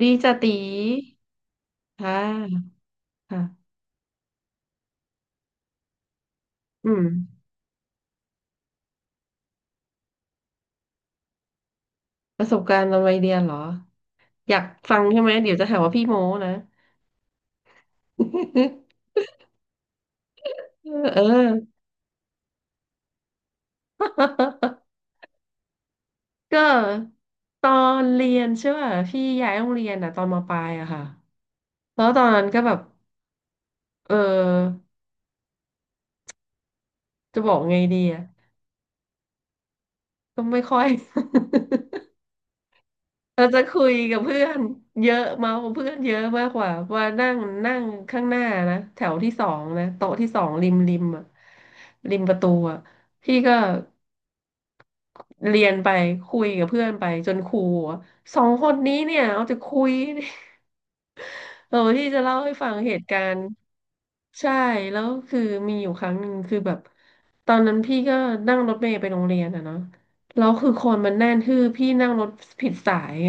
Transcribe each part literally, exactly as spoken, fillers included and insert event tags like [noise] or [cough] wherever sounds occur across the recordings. ดีจะตีค่ะค่ะอืมประสบการณ์ตอนวัยเรียนเหรออยากฟังใช่ไหมเดี๋ยวจะหาว่าพี่โม้นะ [laughs] เออ [laughs] ก็ตอนเรียนใช่ป่ะพี่ย้ายโรงเรียนอ่ะตอนมปลายอะค่ะแล้วตอนนั้นก็แบบเออจะบอกไงดีอะก็ไม่ค่อย [laughs] เราจะคุยกับเพื่อนเยอะเมากเพื่อนเยอะมากกว่าว่านั่งนั่งข้างหน้านะแถวที่สองนะโต๊ะที่สองริมริมอะริมประตูอะพี่ก็เรียนไปคุยกับเพื่อนไปจนครูอะสองคนนี้เนี่ยเอาจะคุย เออที่จะเล่าให้ฟังเหตุการณ์ใช่แล้วคือมีอยู่ครั้งหนึ่งคือแบบตอนนั้นพี่ก็นั่งรถเมล์ไปโรงเรียนอะเนาะแล้วคือคนมันแน่นคือพี่นั่งรถผิดสายไง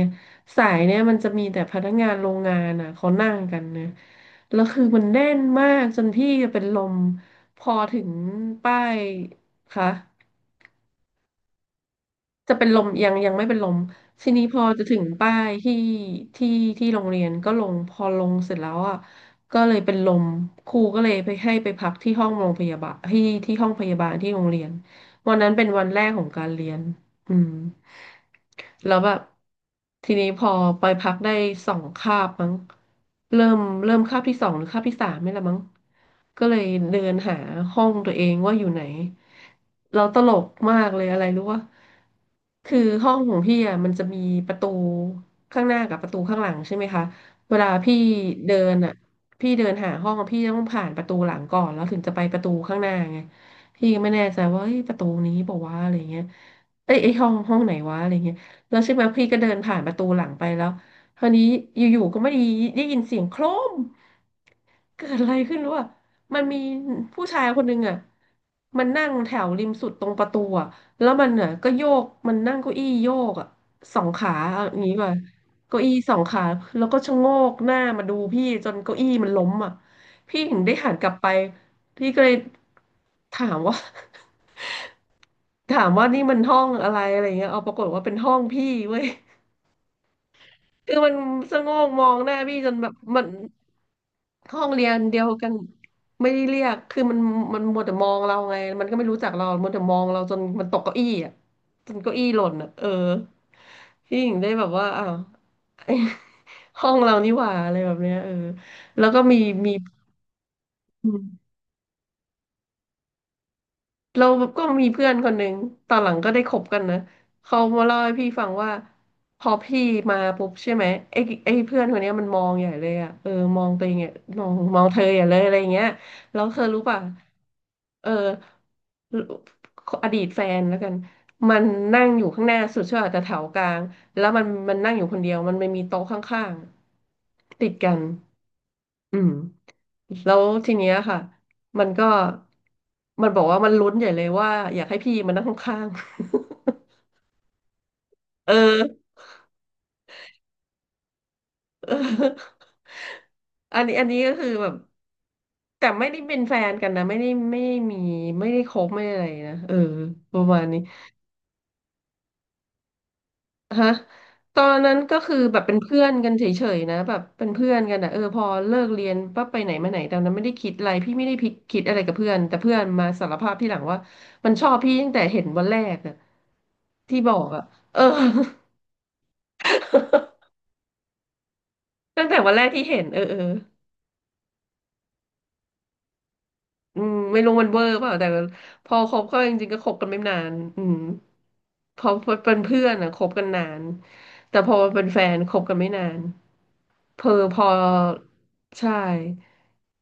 สายเนี่ยมันจะมีแต่พนักงานโรงงานอะเขานั่งกันนะแล้วคือมันแน่นมากจนพี่เป็นลมพอถึงป้ายค่ะ จะเป็นลมยังยังไม่เป็นลมทีนี้พอจะถึงป้ายที่ที่ที่โรงเรียนก็ลงพอลงเสร็จแล้วอ่ะก็เลยเป็นลมครูก็เลยไปให้ไปพักที่ห้องโรงพยาบาลที่ที่ห้องพยาบาลที่โรงเรียนวันนั้นเป็นวันแรกของการเรียนอืม แล้วแบบทีนี้พอไปพักได้สองคาบมั้งเริ่มเริ่มคาบที่สองหรือคาบที่สามนี่แหละมั้งก็เลยเดินหาห้องตัวเองว่าอยู่ไหนเราตลกมากเลยอะไรรู้ว่าคือห้องของพี่อ่ะมันจะมีประตูข้างหน้ากับประตูข้างหลังใช่ไหมคะเวลาพี่เดินอ่ะพี่เดินหาห้องอะพี่ต้องผ่านประตูหลังก่อนแล้วถึงจะไปประตูข้างหน้าไงพี่ก็ไม่แน่ใจว่าเอ้ยประตูนี้บอกว่าวะอะไรเงี้ยเอ้ยไอ้ห้องห้องไหนวะอะไรเงี้ย แล้วใช่ไหมพี่ก็เดินผ่านประตูหลังไปแล้วคราวนี้อยู่ๆก็ไม่ได้ได้ยินเสียงโครมเกิดอะไรขึ้นรู้ป่ะมันมีผู้ชายคนหนึ่งอ่ะมันนั่งแถวริมสุดตรงประตูอ่ะแล้วมันอ่ะก็โยกมันนั่งเก้าอี้โยกอ่ะสองขาเอาอย่างนี้ป่ะเก้าอี้สองขาแล้วก็ชะโงกหน้ามาดูพี่จนเก้าอี้มันล้มอ่ะพี่ถึงได้หันกลับไปพี่ก็เลยถามว่า [laughs] ถามว่านี่มันห้องอะไรอะไรเงี้ยเอาปรากฏว่าเป็นห้องพี่เว้ย คือมันสะโงกมองหน้าพี่จนแบบมันห้องเรียนเดียวกันไม่ได้เรียกคือมันมันมัวแต่มองเราไงมันก็ไม่รู้จักเรามัวแต่มองเราจนมันตกเก้าอี้อ่ะจนเก้าอี้หล่นอ่ะเออพี่หญิงได้แบบว่าอ้าว [laughs] ไอ้ห้องเรานี่หว่าอะไรแบบเนี้ยเออแล้วก็มีมี เราก็มีเพื่อนคนหนึ่งตอนหลังก็ได้คบกันนะ เขามาเล่าให้พี่ฟังว่าพอพี่มาปุ๊บใช่ไหมไอ้ไอ้เพื่อนคนเนี้ยมันมองใหญ่เลยอ่ะ เออมองตัวเองเนี่ยมองมองเธอใหญ่เลยอะไรอย่างเงี้ยแล้วเธอรู้ป่ะเอออดีตแฟนแล้วกัน มันนั่งอยู่ข้างหน้าสุดใช่ป่ะแต่แถวกลางแล้วมันมันนั่งอยู่คนเดียว มันไม่มีโต๊ะข้างๆติดกันอืม แล้วทีเนี้ยค่ะ มันก็ มันบอกว่ามันลุ้นใหญ่เลยว่าอยากให้พี่มานั่งข้างๆ [laughs] เออ [laughs] เอออันนี้อันนี้ก็คือแบบแต่ไม่ได้เป็นแฟนกันนะไม่ได้ไม่ได้มีไม่ได้คบไม่ได้อะไรนะเออประมาณนี้ ฮะตอนนั้นก็คือแบบเป็นเพื่อนกันเฉยๆนะแบบเป็นเพื่อนกันอ่ะเออพอเลิกเรียนปั๊บไปไหนมาไหนตอนนั้นไม่ได้คิดอะไรพี่ไม่ได้พิคิดอะไรกับเพื่อนแต่เพื่อนมาสารภาพที่หลังว่ามันชอบพี่ตั้งแต่เห็นวันแรกอะที่บอกอะเออ [laughs] ตั้งแต่วันแรกที่เห็นเออเอออืมไม่รู้มันเวอร์เปล่าแต่พอคบก็จริงๆก็คบกันไม่นานอืมพอเป็นเพื่อนอะคบกันนาน แต่พอเป็นแฟนคบกันไม่นาน เพอพอใช่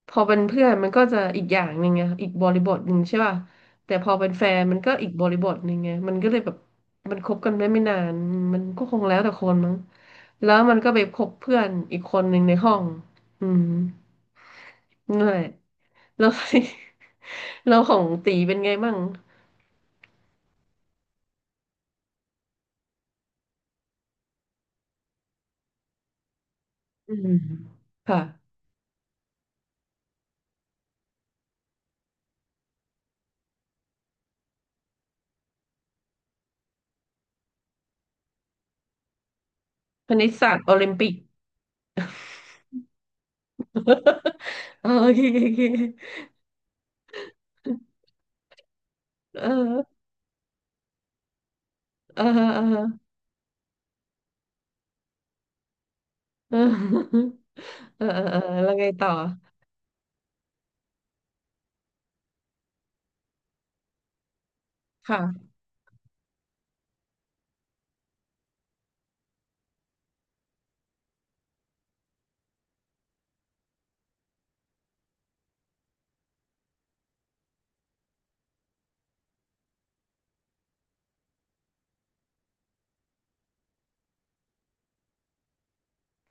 พอเป็นเพื่อนมันก็จะอีกอย่างหนึ่งไงอีกบริบทหนึ่งใช่ป่ะแต่พอเป็นแฟนมันก็อีกบริบทหนึ่งไงมันก็เลยแบบมันคบกันได้ไม่นานมันก็คงแล้วแต่คนมั้งแล้วมันก็ไปคบเพื่อนอีกคนหนึ่งในห้องอืมนั่นแหละแล้ว [laughs] เรา [laughs] ของตีเป็นไงบ้างอืมค่ะคณิตศาสตร์โอลิมปิก [laughs] เออ [laughs] โอเคโอเคโอเคเออเออเออเออ เออเออเออแล้วไงต่อค่ะ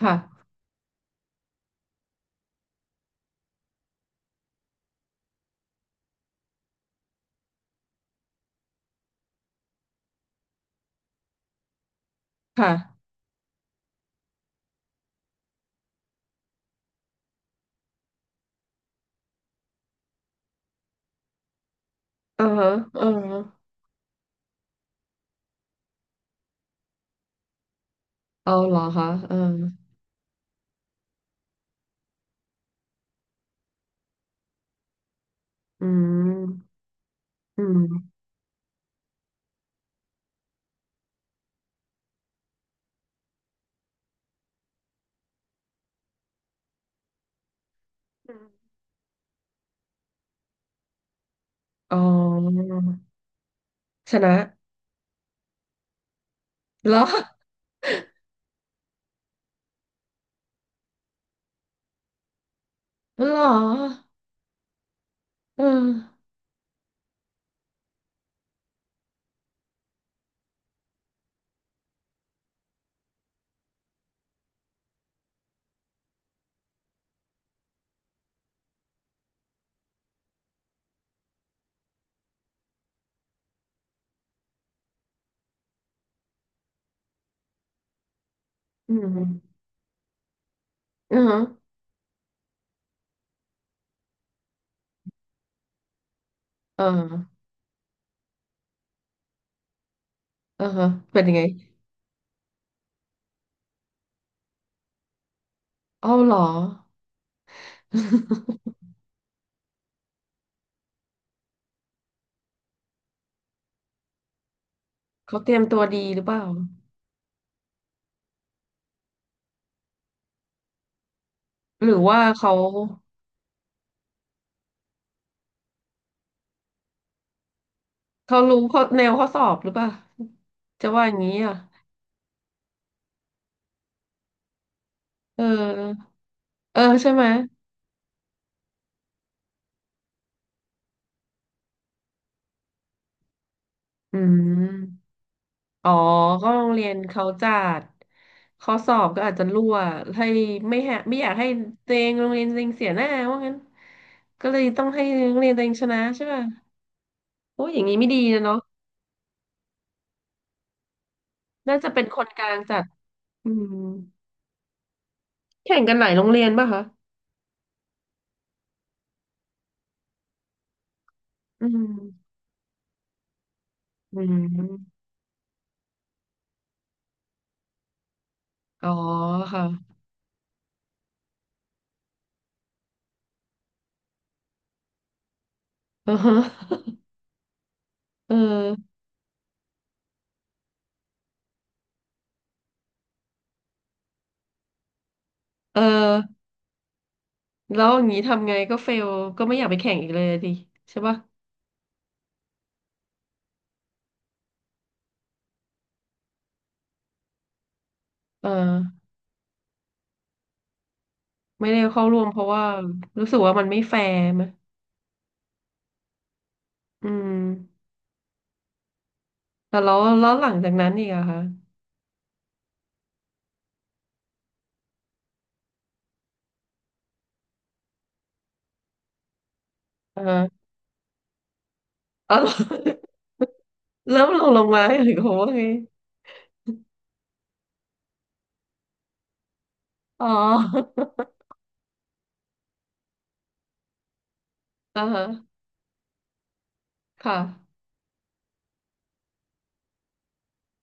ค่ะค่ะ เออฮะเออฮะเอาเหรอคะเอออืมอืมอ๋อชนะเหรอเหรอเอออืมอืมเออเออฮะเป็นยังไงเอาเหรอ [laughs] เขาเตรียมตัวดีหรือเปล่าหรือว่าเขาเขารู้เขาแนวข้อสอบหรือเปล่าจะว่าอย่างนี้อ่ะเออเออใช่ไหมอืม อ๋อก็โรงเรียนเขาจัดข้อสอบก็อาจจะรั่วให้ไม่แฮะไม่อยากให้ตัวเองโรงเรียนตัวเองเสียหน้าว่างั้นก็เลยต้องให้โรงเรียนตัวเองชนะใช่ป่ะโอ้ยอย่างนี้ไม่ดีนะเนาะน่าจะเป็นคนกลางจัดอืมแข่งกันหลายโรงเรียนป่ะคะอืมอืมอ๋อค่ะ [laughs] อือฮะเออเออแล้วอย่างนี้ทำไงก็เฟลก็ไม่อยากไปแข่งอีกเลยดิใช่ป่ะเออไม่ได้เข้าร่วมเพราะว่ารู้สึกว่ามันไม่แฟร์ไหม อืมแต่แล้วแล้วหลังจากนั้นอีกอะคะอ่าอ๋อ [laughs] เริ่มลงลงไมาหรือเคาวไงอ๋ออ่าฮะค่ะ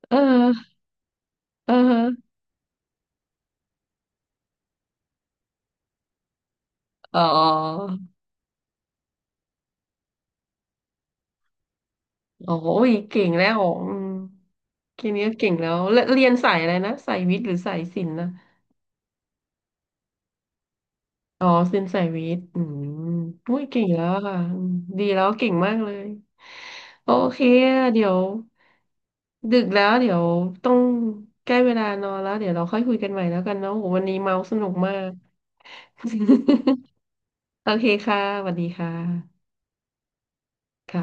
เออเอออ๋อโอ้ยเก่งแล้วอืมแค่นี้ก็เก่งแล้วแล้วเรียนสายอะไรนะสายวิทย์หรือสายศิลป์นะอ๋อศิลป์สายวิทย์อืมอุ้ยเก่งแล้วอะค่ะอืมดีแล้วเก่งมากเลยโอเคเดี๋ยว ดึกแล้วเดี๋ยวต้องใกล้เวลานอนแล้วเดี๋ยวเราค่อยคุยกันใหม่แล้วกันเนาะโหวันนี้เมาสนุกมาก [laughs] โอเคค่ะสวัสดีค่ะค่ะ